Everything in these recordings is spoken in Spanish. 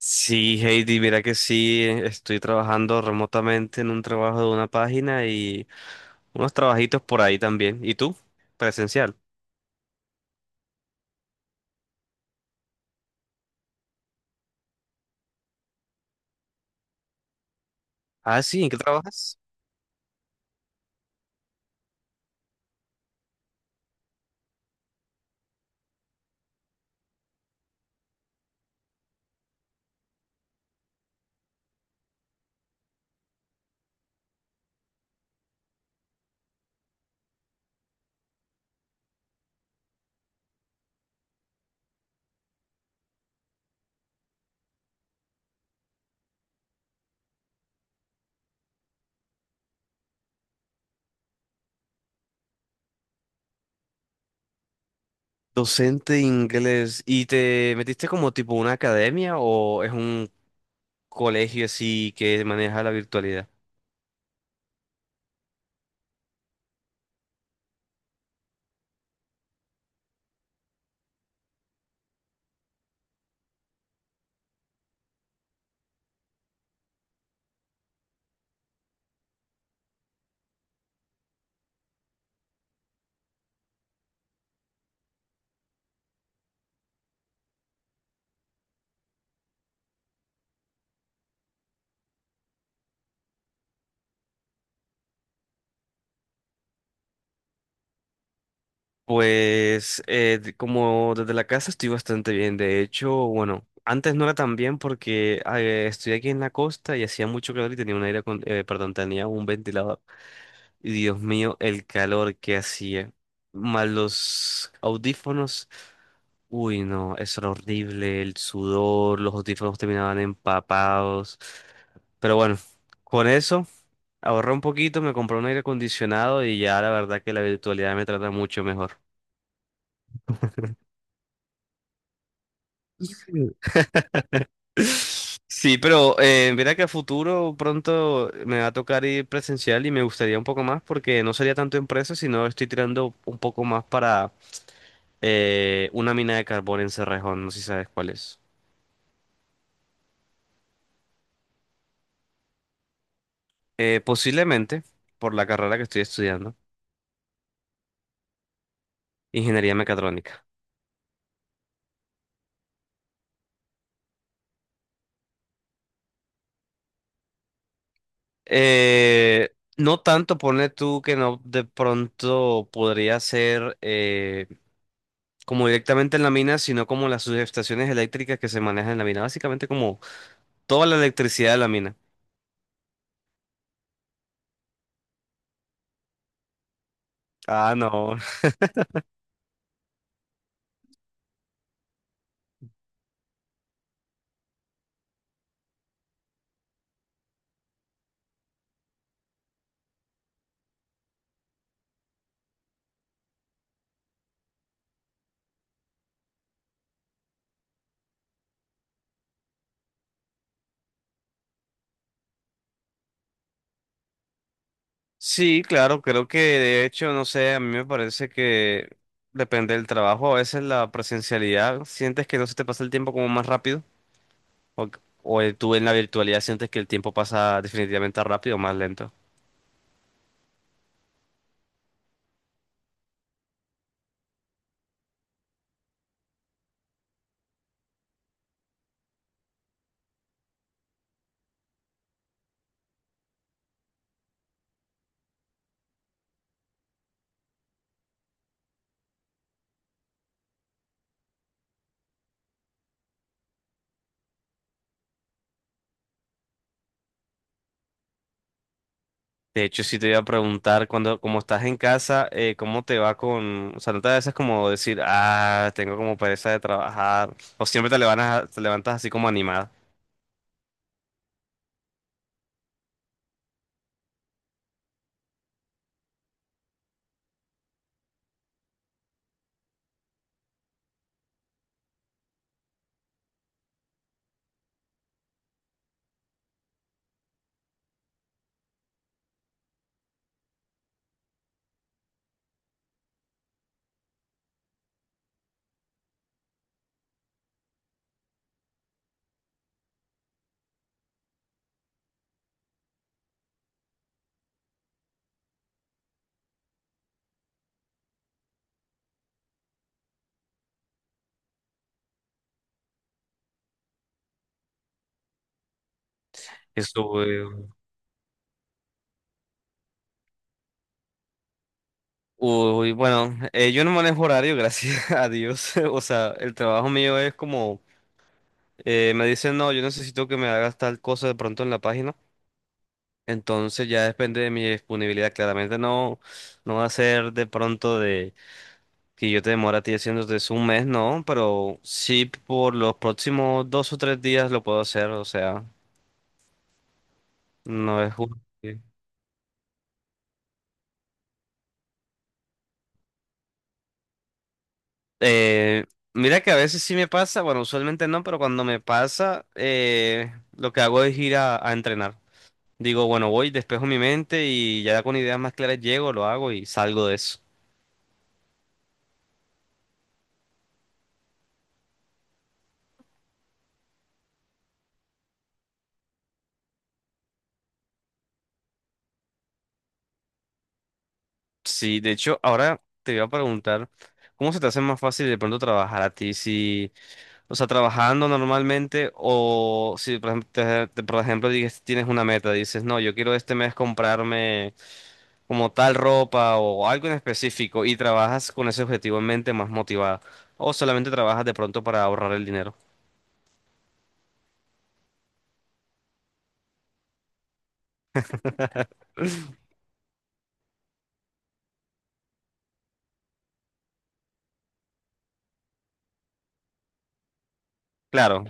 Sí, Heidi, mira que sí, estoy trabajando remotamente en un trabajo de una página y unos trabajitos por ahí también. ¿Y tú? Presencial. Ah, sí, ¿en qué trabajas? Docente de inglés. ¿Y te metiste como tipo una academia o es un colegio así que maneja la virtualidad? Pues como desde la casa estoy bastante bien. De hecho, bueno, antes no era tan bien porque estoy aquí en la costa y hacía mucho calor y tenía un aire, perdón, tenía un ventilador. Y Dios mío, el calor que hacía. Más los audífonos. Uy, no, eso era horrible. El sudor, los audífonos terminaban empapados. Pero bueno, con eso ahorré un poquito, me compré un aire acondicionado y ya la verdad que la virtualidad me trata mucho mejor. Sí. Sí, pero mira que a futuro pronto me va a tocar ir presencial y me gustaría un poco más porque no sería tanto empresa, sino estoy tirando un poco más para una mina de carbón en Cerrejón, no sé si sabes cuál es. Posiblemente, por la carrera que estoy estudiando, ingeniería mecatrónica. No tanto, ponle tú que no de pronto podría ser como directamente en la mina, sino como las subestaciones eléctricas que se manejan en la mina, básicamente como toda la electricidad de la mina. Ah, no. Sí, claro, creo que de hecho, no sé, a mí me parece que depende del trabajo, a veces la presencialidad, sientes que no se te pasa el tiempo como más rápido, o, o tú en la virtualidad sientes que el tiempo pasa definitivamente rápido o más lento. De hecho, sí te iba a preguntar, cuando, como estás en casa, ¿cómo te va con, o sea, no te da a veces como decir, ah, tengo como pereza de trabajar, o siempre te levantas así como animada? Eso, uy, bueno, yo no manejo horario, gracias a Dios. O sea, el trabajo mío es como, me dicen, no, yo necesito que me hagas tal cosa de pronto en la página. Entonces ya depende de mi disponibilidad. Claramente no, no va a ser de pronto de que yo te demore a ti haciéndote eso un mes, no, pero sí por los próximos 2 o 3 días lo puedo hacer. O sea, no es justo. Eh, Mira que a veces sí me pasa, bueno, usualmente no, pero cuando me pasa, lo que hago es ir a entrenar. Digo, bueno, voy, despejo mi mente y ya con ideas más claras llego, lo hago y salgo de eso. Sí, de hecho, ahora te voy a preguntar, ¿cómo se te hace más fácil de pronto trabajar a ti? Si, o sea, trabajando normalmente o si, por ejemplo, por ejemplo, tienes una meta, dices, no, yo quiero este mes comprarme como tal ropa o algo en específico y trabajas con ese objetivo en mente más motivada o solamente trabajas de pronto para ahorrar el dinero. Claro.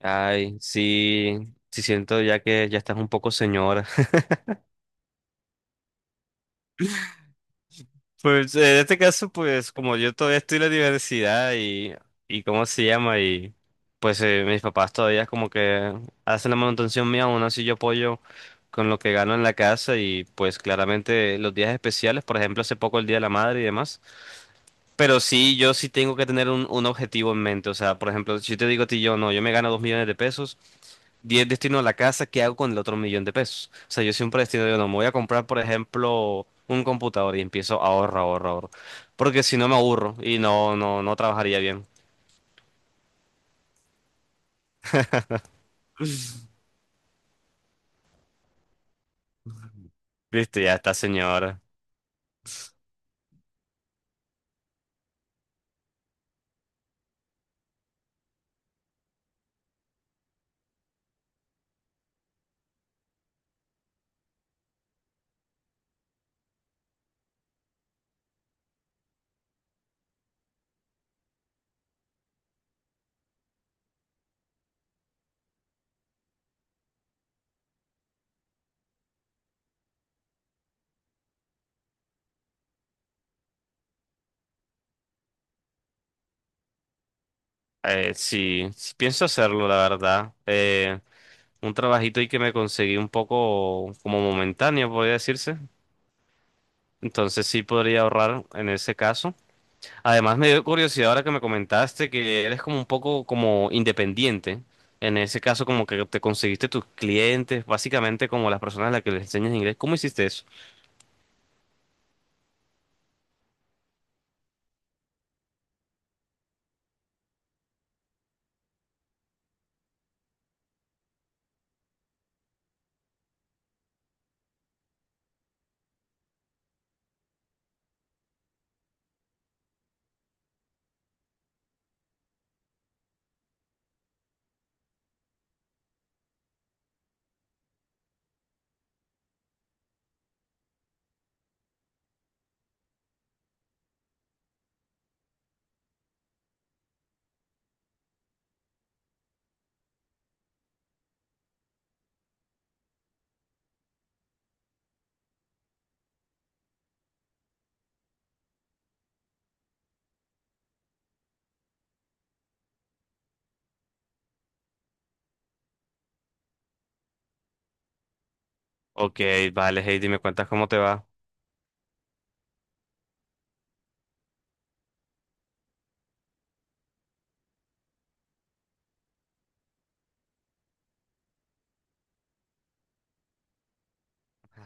Ay, sí, sí siento ya que ya estás un poco señora. Pues en este caso, pues como yo todavía estoy en la universidad y cómo se llama, y pues mis papás todavía como que hacen la manutención mía, aún así yo apoyo con lo que gano en la casa y pues claramente los días especiales, por ejemplo, hace poco el Día de la Madre y demás. Pero sí, yo sí tengo que tener un objetivo en mente. O sea, por ejemplo, si yo te digo a ti, yo no, yo me gano 2 millones de pesos. 10 destino a la casa, ¿qué hago con el otro millón de pesos? O sea, yo siempre destino, yo no, me voy a comprar, por ejemplo, un computador y empiezo a ahorrar, ahorrar, ahorrar. Porque si no me aburro y no, no, no trabajaría bien. Listo, ya está, señor. Sí, sí pienso hacerlo, la verdad. Un trabajito y que me conseguí un poco como momentáneo, podría decirse. Entonces sí podría ahorrar en ese caso. Además, me dio curiosidad ahora que me comentaste que eres como un poco como independiente. En ese caso, como que te conseguiste tus clientes, básicamente como las personas a las que les enseñas inglés. ¿Cómo hiciste eso? Ok, vale, Heidi, me cuentas cómo te va.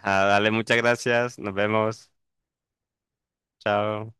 Ah, dale, muchas gracias. Nos vemos. Chao.